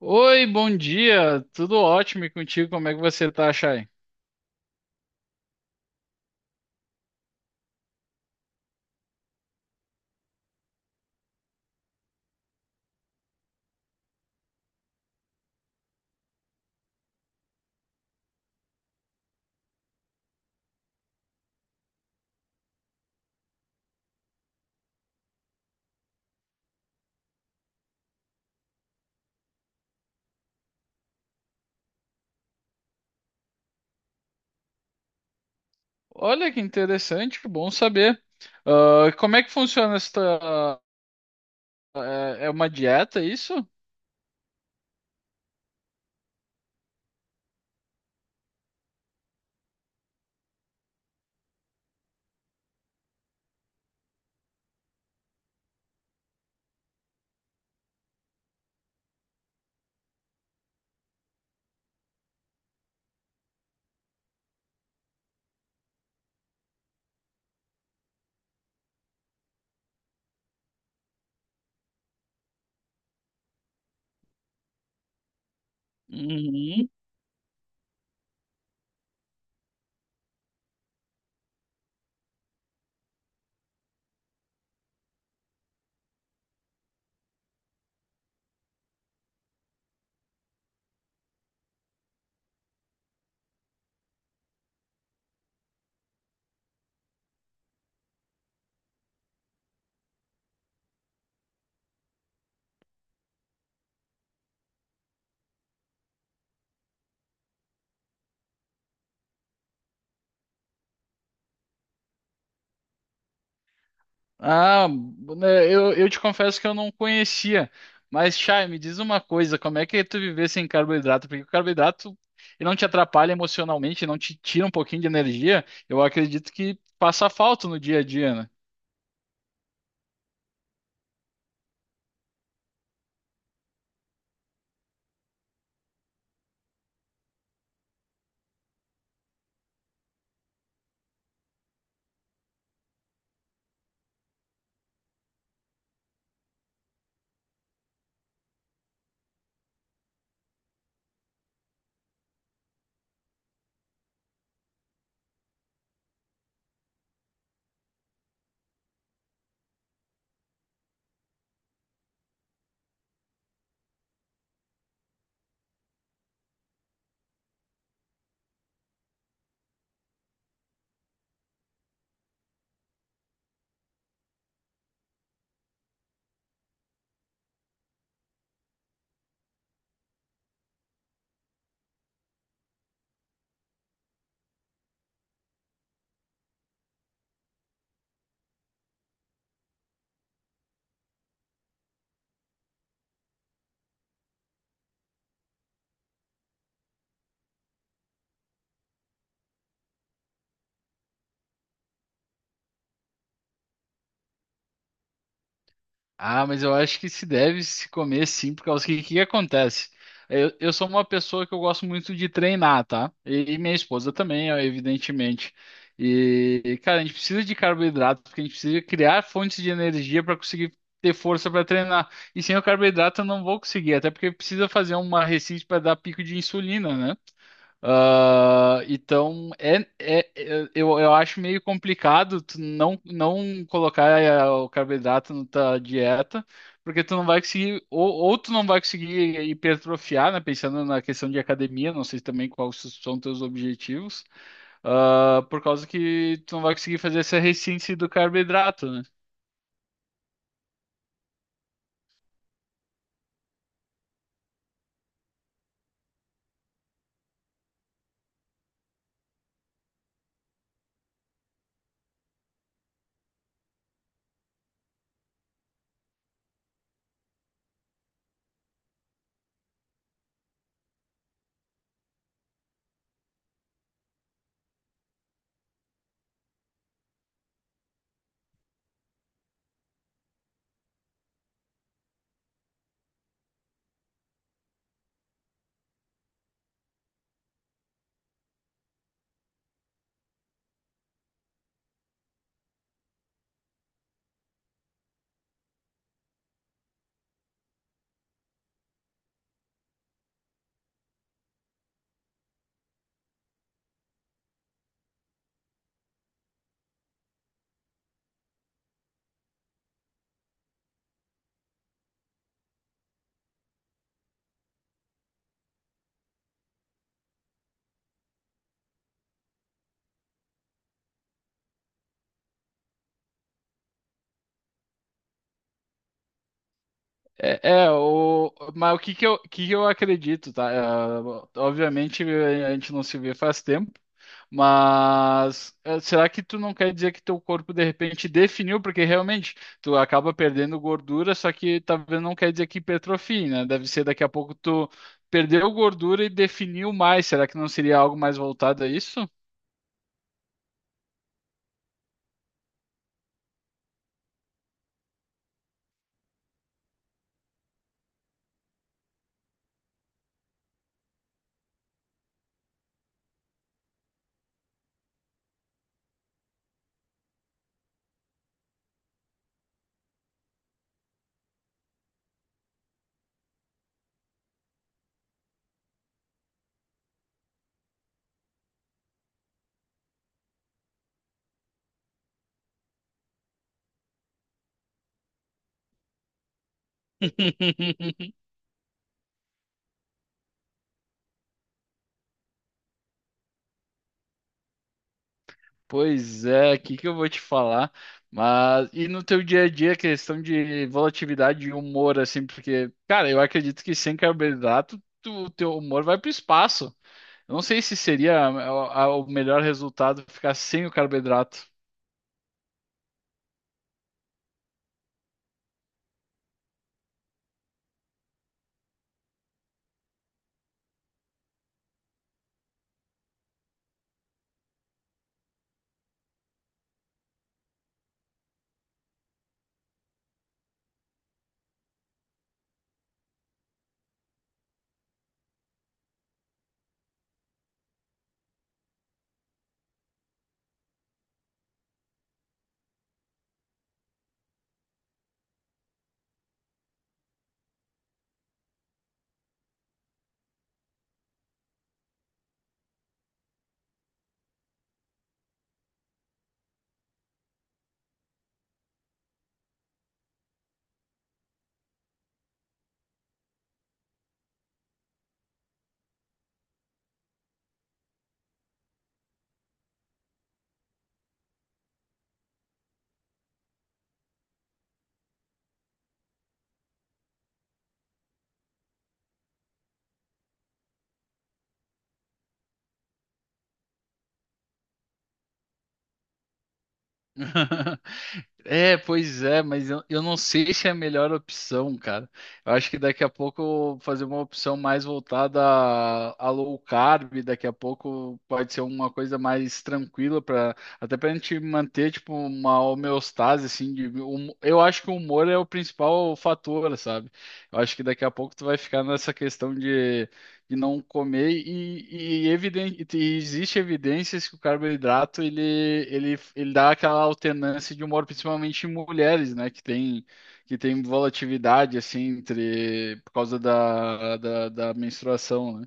Oi, bom dia, tudo ótimo e contigo? Como é que você tá, Chay? Olha que interessante, que bom saber. Ah, como é que funciona esta. É uma dieta, isso? Uhum. Ah, né, eu te confesso que eu não conhecia. Mas, Chay, me diz uma coisa: como é que tu viver sem carboidrato? Porque o carboidrato ele não te atrapalha emocionalmente, não te tira um pouquinho de energia. Eu acredito que passa falta no dia a dia, né? Ah, mas eu acho que se deve se comer sim, por causa que o que que acontece? Eu sou uma pessoa que eu gosto muito de treinar, tá? E minha esposa também, ó, evidentemente. E, cara, a gente precisa de carboidrato, porque a gente precisa criar fontes de energia para conseguir ter força para treinar. E sem o carboidrato eu não vou conseguir, até porque precisa fazer uma receita para dar pico de insulina, né? Ah, então, eu acho meio complicado tu não, não colocar o carboidrato na tua dieta, porque tu não vai conseguir, ou tu não vai conseguir hipertrofiar, né? Pensando na questão de academia, não sei também quais são teus objetivos, ah, por causa que tu não vai conseguir fazer essa resistência do carboidrato, né? Mas o que que eu acredito, tá? É, obviamente a gente não se vê faz tempo, mas é, será que tu não quer dizer que teu corpo de repente definiu? Porque realmente tu acaba perdendo gordura, só que talvez não quer dizer que hipertrofie, né? Deve ser daqui a pouco tu perdeu gordura e definiu mais. Será que não seria algo mais voltado a isso? Pois é, o que que eu vou te falar? Mas e no teu dia a dia, questão de volatilidade e humor, assim, porque, cara, eu acredito que sem carboidrato, tu- o teu humor vai pro espaço. Eu não sei se seria a- o melhor resultado ficar sem o carboidrato. É, pois é, mas eu não sei se é a melhor opção, cara. Eu acho que daqui a pouco eu vou fazer uma opção mais voltada a low carb, daqui a pouco pode ser uma coisa mais tranquila para até pra gente manter tipo uma homeostase assim de eu acho que o humor é o principal fator, sabe? Eu acho que daqui a pouco tu vai ficar nessa questão de não comer eviden- e existe evidências que o carboidrato ele, ele, ele dá aquela alternância de humor, principalmente em mulheres, né, que tem volatilidade assim entre por causa da, da, da menstruação, né?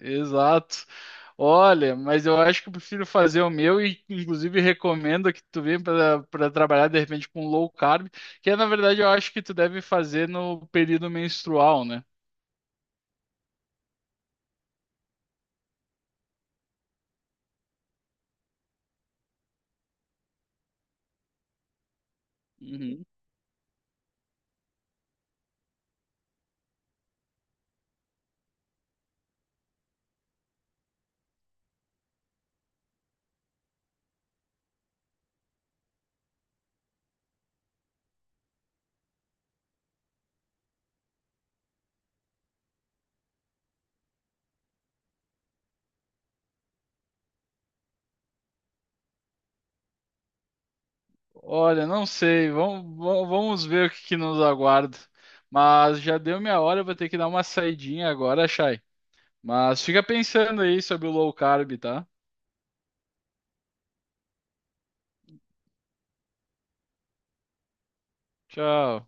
Exato. Olha, mas eu acho que eu prefiro fazer o meu e inclusive recomendo que tu venha para trabalhar de repente com low carb, que é, na verdade eu acho que tu deve fazer no período menstrual, né? Uhum. Olha, não sei. Vamos, va- vamos ver o que, que nos aguarda. Mas já deu minha hora, eu vou ter que dar uma saidinha agora, Chay. Mas fica pensando aí sobre o low carb, tá? Tchau.